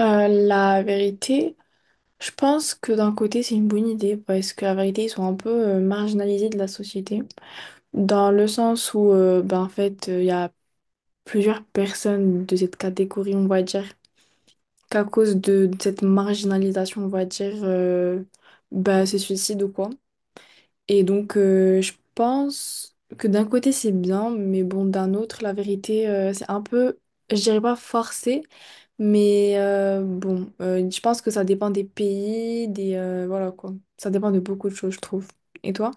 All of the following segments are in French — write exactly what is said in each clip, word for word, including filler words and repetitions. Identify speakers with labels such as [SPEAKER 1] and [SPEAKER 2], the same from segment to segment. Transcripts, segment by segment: [SPEAKER 1] Euh, la vérité, je pense que d'un côté c'est une bonne idée, parce que la vérité, ils sont un peu euh, marginalisés de la société, dans le sens où euh, ben, en fait, euh, il y a plusieurs personnes de cette catégorie, on va dire, qu'à cause de, de cette marginalisation, on va dire, euh, ben, se suicident ou quoi. Et donc, euh, je pense que d'un côté c'est bien, mais bon, d'un autre, la vérité, euh, c'est un peu, je dirais pas forcé. Mais euh, bon, euh, je pense que ça dépend des pays, des, euh, voilà quoi. Ça dépend de beaucoup de choses, je trouve. Et toi?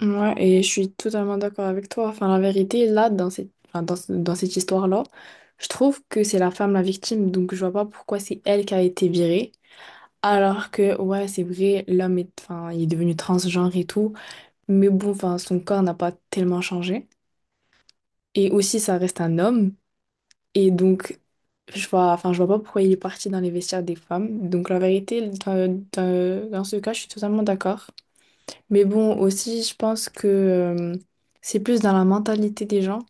[SPEAKER 1] Ouais, et je suis totalement d'accord avec toi. Enfin, la vérité, là, dans cette, enfin, dans, ce- dans cette histoire-là, je trouve que c'est la femme la victime, donc je vois pas pourquoi c'est elle qui a été virée. Alors que, ouais, c'est vrai, l'homme est, enfin, il est devenu transgenre et tout, mais bon, enfin, son corps n'a pas tellement changé. Et aussi, ça reste un homme. Et donc, je vois, enfin, je vois pas pourquoi il est parti dans les vestiaires des femmes. Donc, la vérité, dans, dans- dans ce cas, je suis totalement d'accord. Mais bon, aussi, je pense que, euh, c'est plus dans la mentalité des gens.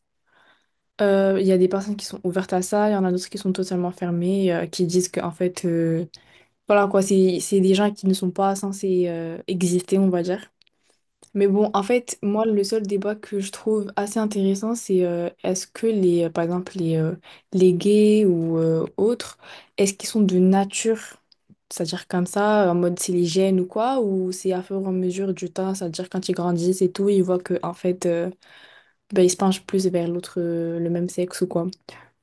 [SPEAKER 1] Euh, Il y a des personnes qui sont ouvertes à ça, il y en a d'autres qui sont totalement fermées, euh, qui disent que, en fait, euh, voilà quoi, c'est, c'est des gens qui ne sont pas censés euh, exister, on va dire. Mais bon, en fait, moi, le seul débat que je trouve assez intéressant, c'est, euh, est-ce que les, euh, par exemple, les, euh, les gays ou euh, autres, est-ce qu'ils sont de nature, c'est-à-dire comme ça, en mode c'est les gènes ou quoi, ou c'est à fur et à mesure du temps, c'est-à-dire quand ils grandissent et tout, ils voient que, en fait, euh, ben, ils se penchent plus vers l'autre, euh, le même sexe ou quoi.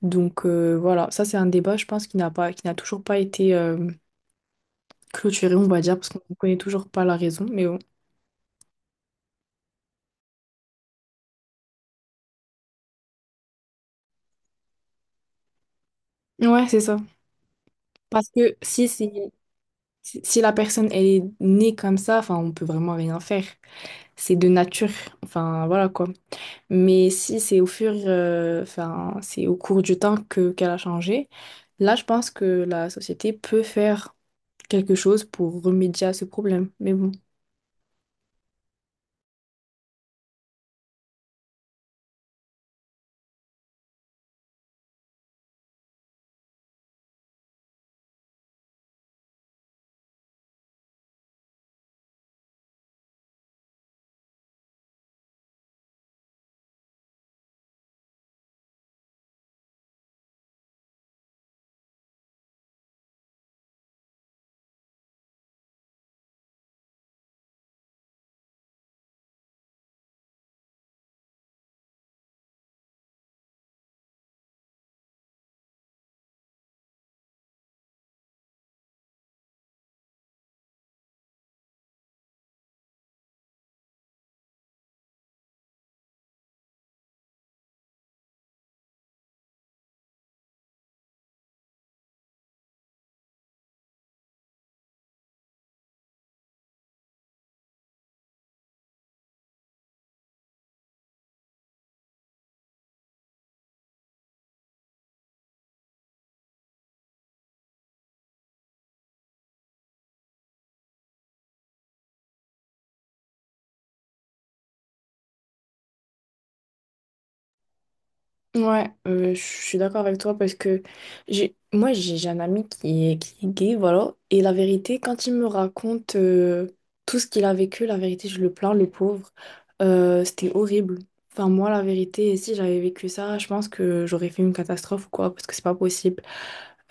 [SPEAKER 1] Donc, euh, voilà, ça c'est un débat, je pense, qui n'a pas, qui n'a toujours pas été euh, clôturé, on va dire, parce qu'on ne connaît toujours pas la raison, mais bon. Ouais, c'est ça. Parce que si c'est Si si la personne, elle est née comme ça, enfin, on peut vraiment rien faire. C'est de nature, enfin, voilà quoi. Mais si c'est au fur, euh, enfin, c'est au cours du temps que qu'elle a changé, là, je pense que la société peut faire quelque chose pour remédier à ce problème. Mais bon. Ouais, euh, je suis d'accord avec toi, parce que j'ai moi j'ai j'ai un ami qui est, qui est gay, voilà, et la vérité, quand il me raconte, euh, tout ce qu'il a vécu, la vérité, je le plains, le pauvre. Euh, c'était horrible. Enfin, moi, la vérité, si j'avais vécu ça, je pense que j'aurais fait une catastrophe ou quoi, parce que c'est pas possible.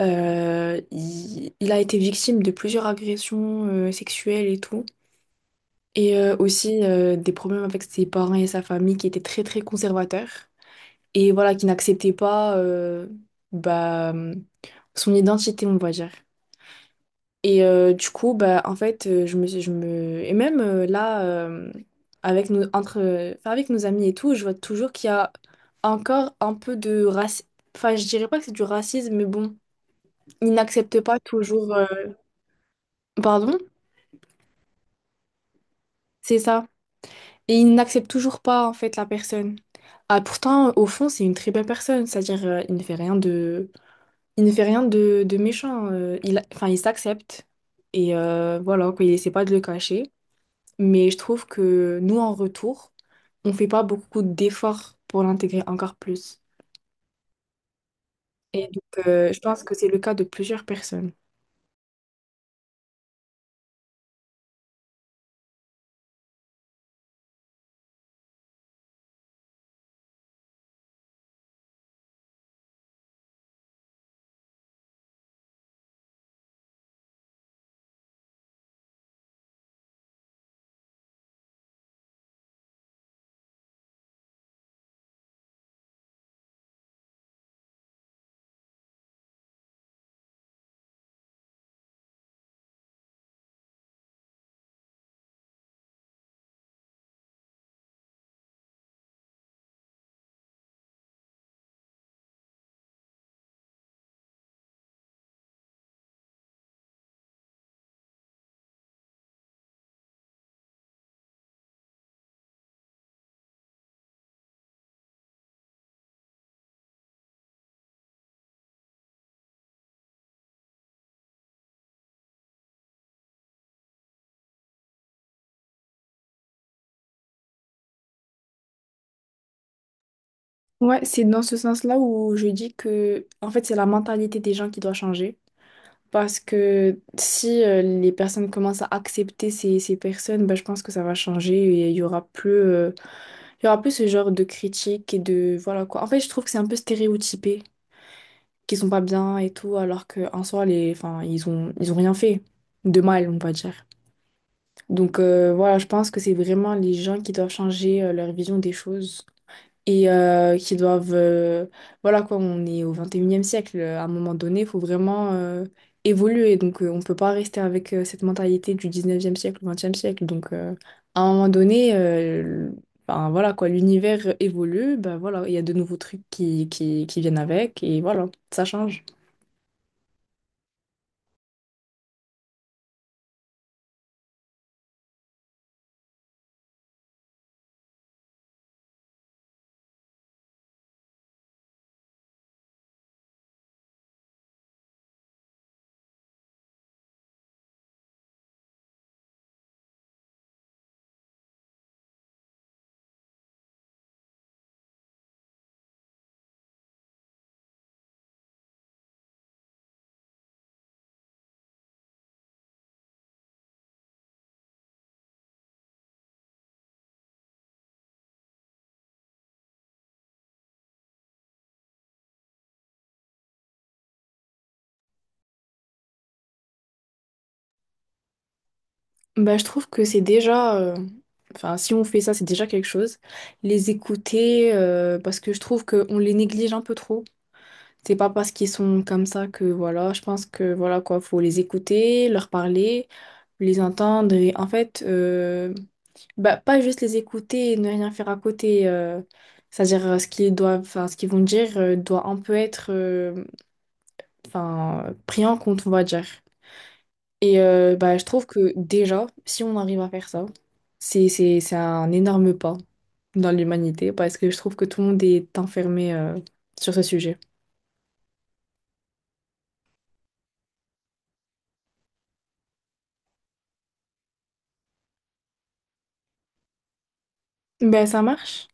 [SPEAKER 1] Euh, il, il a été victime de plusieurs agressions euh, sexuelles et tout, et euh, aussi, euh, des problèmes avec ses parents et sa famille, qui étaient très très conservateurs, et voilà, qui n'acceptait pas, euh, bah, son identité, on va dire. Et euh, du coup, bah, en fait, euh, je me, je me... et même, euh, là, euh, avec nos, entre, euh, enfin, avec nos amis et tout, je vois toujours qu'il y a encore un peu de racisme. Enfin, je dirais pas que c'est du racisme, mais bon, ils n'acceptent pas toujours... euh, Pardon? C'est ça. Et ils n'acceptent toujours pas, en fait, la personne. Ah, pourtant, au fond, c'est une très belle personne. C'est-à-dire, euh, il ne fait rien de il ne fait rien de, de méchant. Euh, il, enfin, il s'accepte. Et euh, voilà, quoi, il essaie pas de le cacher. Mais je trouve que nous, en retour, on fait pas beaucoup d'efforts pour l'intégrer encore plus. Et donc, euh, je pense que c'est le cas de plusieurs personnes. Ouais, c'est dans ce sens-là où je dis que, en fait, c'est la mentalité des gens qui doit changer. Parce que si, euh, les personnes commencent à accepter ces, ces personnes, ben, je pense que ça va changer et il y aura plus. euh, Il y a un peu ce genre de critique et de. Voilà quoi. En fait, je trouve que c'est un peu stéréotypé, qu'ils sont pas bien et tout, alors qu'en soi, les... enfin, ils ont... ils ont rien fait de mal, on va dire. Donc, euh, voilà, je pense que c'est vraiment les gens qui doivent changer euh, leur vision des choses et euh, qui doivent... euh, Voilà quoi, on est au vingt et unième siècle. euh, À un moment donné, il faut vraiment euh, évoluer. Donc, euh, on peut pas rester avec euh, cette mentalité du dix-neuvième siècle ou vingtième siècle. Donc, euh, à un moment donné, euh, ben, voilà quoi, l'univers évolue. Ben, voilà, il y a de nouveaux trucs qui, qui, qui viennent avec, et voilà, ça change. Bah, je trouve que c'est déjà... euh, Enfin, si on fait ça, c'est déjà quelque chose. Les écouter, euh, parce que je trouve qu'on les néglige un peu trop. C'est pas parce qu'ils sont comme ça que voilà, je pense que voilà quoi, faut les écouter, leur parler, les entendre et en fait, euh, bah, pas juste les écouter et ne rien faire à côté. Euh, c'est-à-dire, euh, ce qu'ils doivent, enfin ce qu'ils vont dire, euh, doit un peu être, euh, enfin pris en compte, on va dire. Et euh, bah, je trouve que déjà, si on arrive à faire ça, c'est c'est c'est un énorme pas dans l'humanité, parce que je trouve que tout le monde est enfermé euh, sur ce sujet. Ben, ça marche.